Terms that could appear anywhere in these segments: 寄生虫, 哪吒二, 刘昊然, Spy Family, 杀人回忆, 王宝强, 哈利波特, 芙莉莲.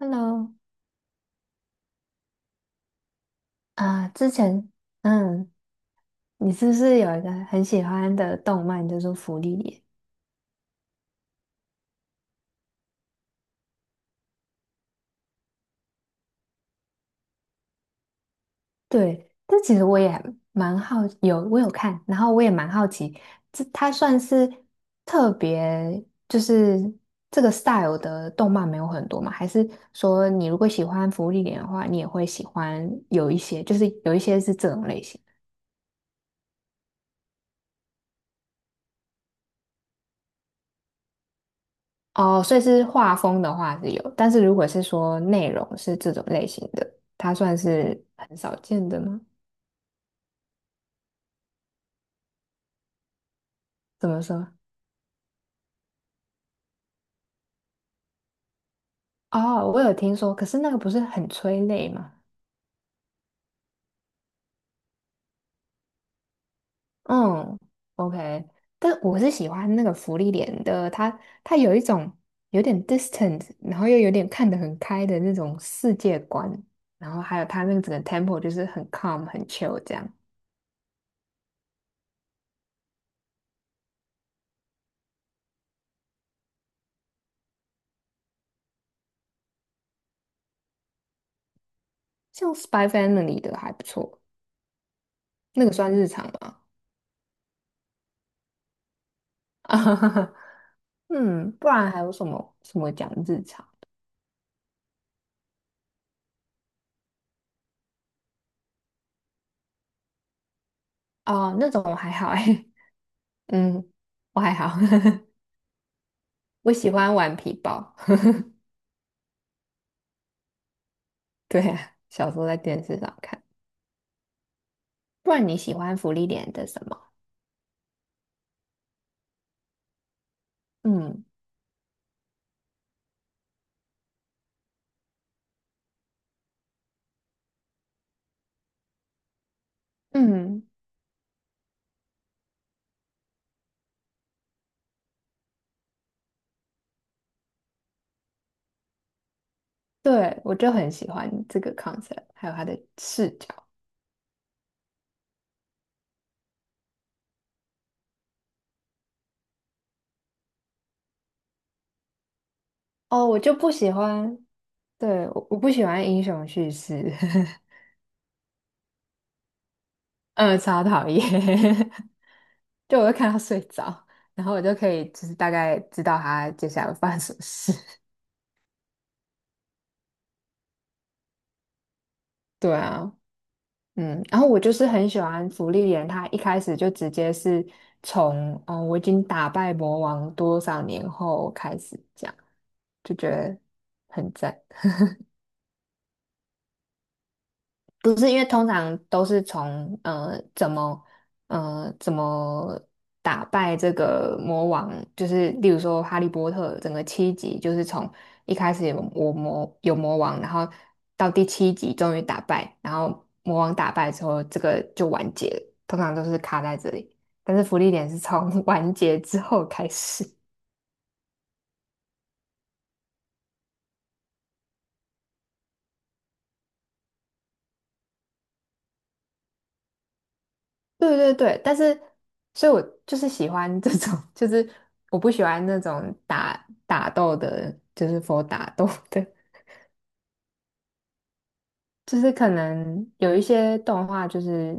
Hello，啊，之前，嗯，你是不是有一个很喜欢的动漫叫做《芙莉莲》？对，这其实我也蛮好，我有看，然后我也蛮好奇，这它算是特别，就是这个 style 的动漫没有很多嘛？还是说你如果喜欢《芙莉莲》的话，你也会喜欢有一些，就是有一些是这种类型？哦，所以是画风的话是有，但是如果是说内容是这种类型的，它算是很少见的吗？怎么说？哦，我有听说，可是那个不是很催泪吗？嗯，OK，但我是喜欢那个福利脸的，它有一种有点 distant，然后又有点看得很开的那种世界观，然后还有它那个整个 tempo 就是很 calm 很 chill 这样，像 Spy Family 的还不错，那个算日常吗？嗯，不然还有什么什么讲日常哦，那种我还好哎，嗯，我还好，我喜欢玩皮包，对啊，小时候在电视上看。不然你喜欢福利点的什么？嗯嗯，对，我就很喜欢这个 concept，还有它的视角。哦，我就不喜欢，对，我不喜欢英雄叙事，嗯，超讨厌，就我会看到睡着，然后我就可以就是大概知道他接下来会发生什么事。对啊，嗯，然后我就是很喜欢芙莉莲，她一开始就直接是从"嗯、我已经打败魔王多少年后"开始讲，就觉得很赞。不是，因为通常都是从怎么打败这个魔王，就是例如说《哈利波特》整个七集，就是从一开始有魔王，然后到第七集终于打败，然后魔王打败之后，这个就完结了，通常都是卡在这里。但是福利点是从 完结之后开始。对对对，但是，所以我就是喜欢这种，就是我不喜欢那种打斗的，就是 打斗的，就是可能有一些动画，就是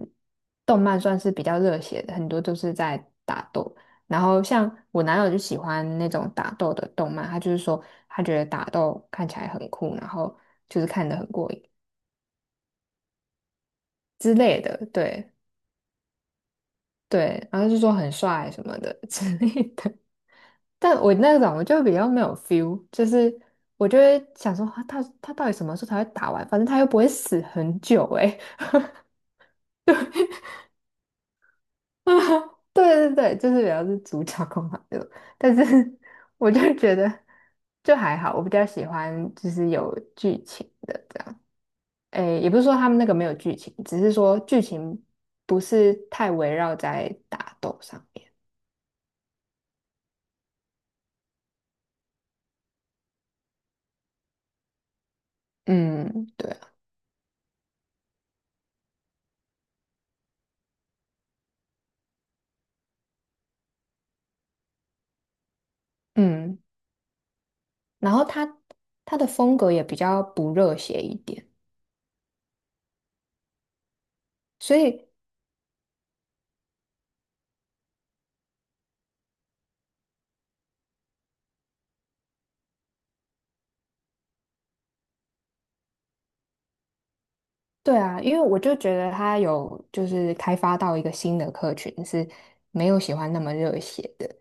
动漫算是比较热血的，很多都是在打斗。然后像我男友就喜欢那种打斗的动漫，他就是说他觉得打斗看起来很酷，然后就是看得很过瘾之类的，对对，然后就说很帅什么的 之类的。但我那种我就比较没有 feel，就是我就会想说，啊他到底什么时候才会打完？反正他又不会死很久哎、欸，哎，对对对，就是比较是主角控嘛，就，但是 我就觉得就还好，我比较喜欢就是有剧情的这样，诶，也不是说他们那个没有剧情，只是说剧情不是太围绕在打斗上面，嗯，对啊，嗯，然后他的风格也比较不热血一点。所以对啊，因为我就觉得他有就是开发到一个新的客群，是没有喜欢那么热血的，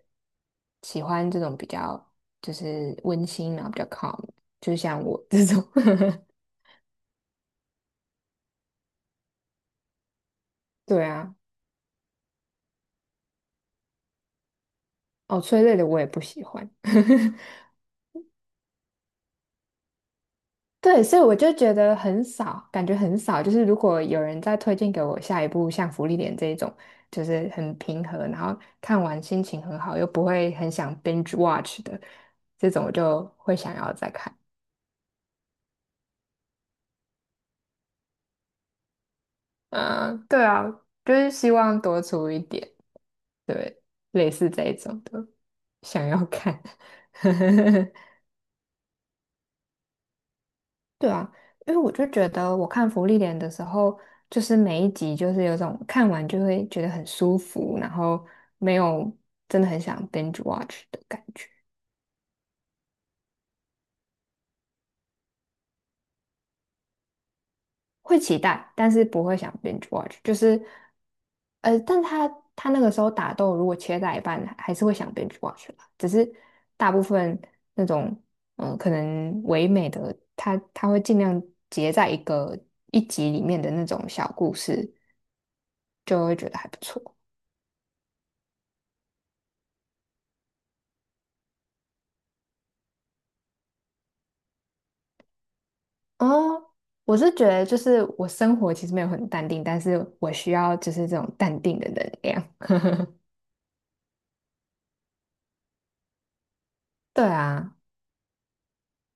喜欢这种比较就是温馨然后比较 calm，就像我这种。对啊，哦，催泪的我也不喜欢。对，所以我就觉得很少，感觉很少。就是如果有人再推荐给我下一部像《福利点》这一种，就是很平和，然后看完心情很好，又不会很想 binge watch 的这种，我就会想要再看。嗯，对啊，就是希望多出一点，对，类似这一种的，想要看。对啊，因为我就觉得我看福利莲的时候，就是每一集就是有种看完就会觉得很舒服，然后没有真的很想 binge watch 的感觉。会期待，但是不会想 binge watch，就是，但他那个时候打斗如果切在一半，还是会想 binge watch 啦。只是大部分那种，可能唯美的，他会尽量结在一个一集里面的那种小故事，就会觉得还不错。哦，我是觉得就是我生活其实没有很淡定，但是我需要就是这种淡定的能量。对啊，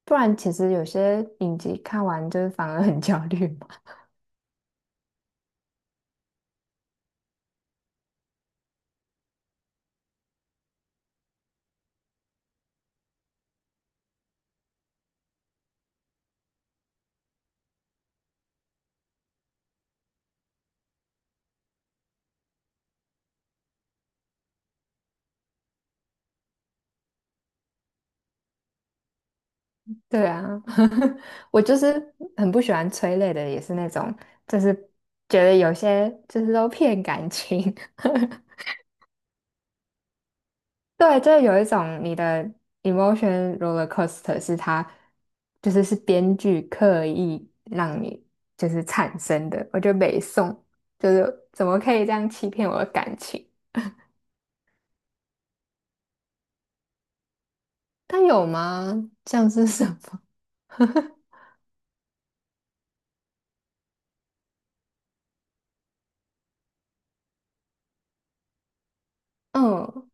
不然其实有些影集看完就是反而很焦虑。对啊，我就是很不喜欢催泪的，也是那种，就是觉得有些就是都骗感情。对，就是有一种你的 emotion roller coaster 是它就是是编剧刻意让你就是产生的，我觉得北宋就是怎么可以这样欺骗我的感情？但有吗？像是什么？嗯，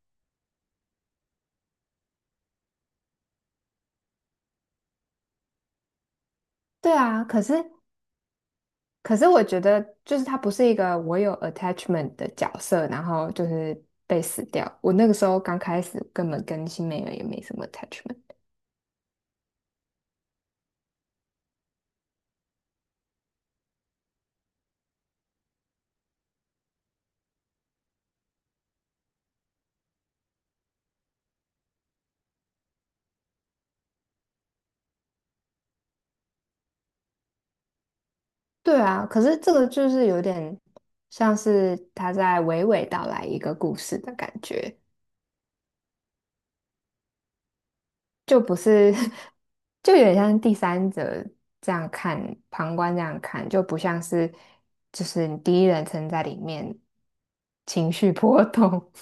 对啊，可是。可是我觉得，就是他不是一个我有 attachment 的角色，然后就是被死掉。我那个时候刚开始根本跟新美人也没什么 attachment。对啊，可是这个就是有点像是他在娓娓道来一个故事的感觉，就不是，就有点像第三者这样看，旁观这样看，就不像是就是你第一人称在里面情绪波动。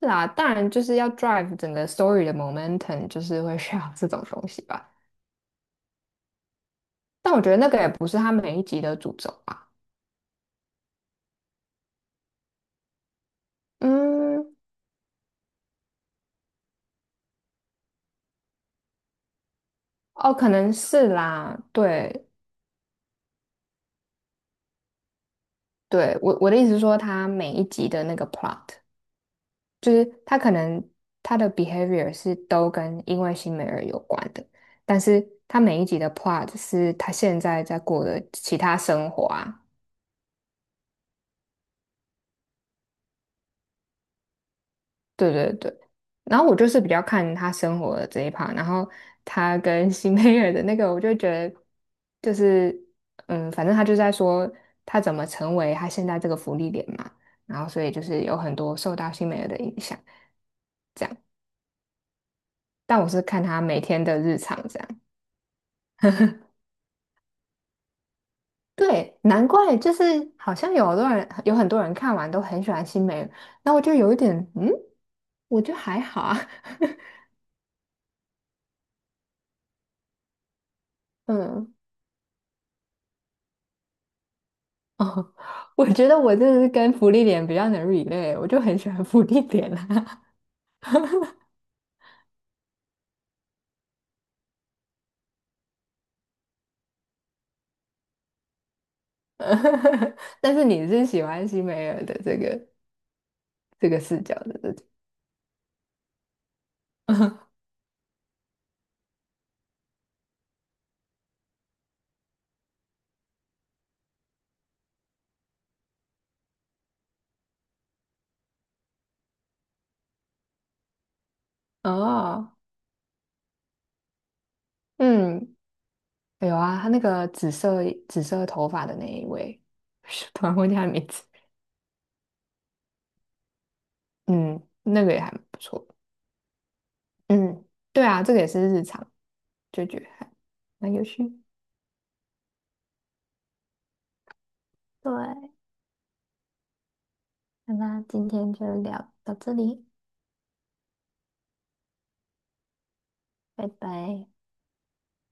是啊，当然就是要 drive 整个 story 的 momentum，就是会需要这种东西吧。但我觉得那个也不是他每一集的主轴吧。嗯，哦，可能是啦。对，对，我的意思是说，他每一集的那个 plot，就是他可能他的 behavior 是都跟因为新美尔有关的，但是他每一集的 plot 是他现在在过的其他生活啊，对对对，然后我就是比较看他生活的这一趴，然后他跟 新美尔的那个，我就觉得就是，嗯，反正他就在说他怎么成为他现在这个福利点嘛，然后所以就是有很多受到新美尔的影响，这样。但我是看他每天的日常这样，对，难怪就是好像有很多人看完都很喜欢新美尔，那我就有一点，嗯，我就还好啊，嗯。哦，我觉得我就是跟福利脸比较能 relate，我就很喜欢福利脸啦。但是你是喜欢西梅尔的这个视角的，对不对？哦，嗯，有啊，他那个紫色头发的那一位，突然忘记他的名字。嗯，那个也还不错。嗯，对啊，这个也是日常，就觉得还蛮有趣。对，那今天就聊到这里，拜拜。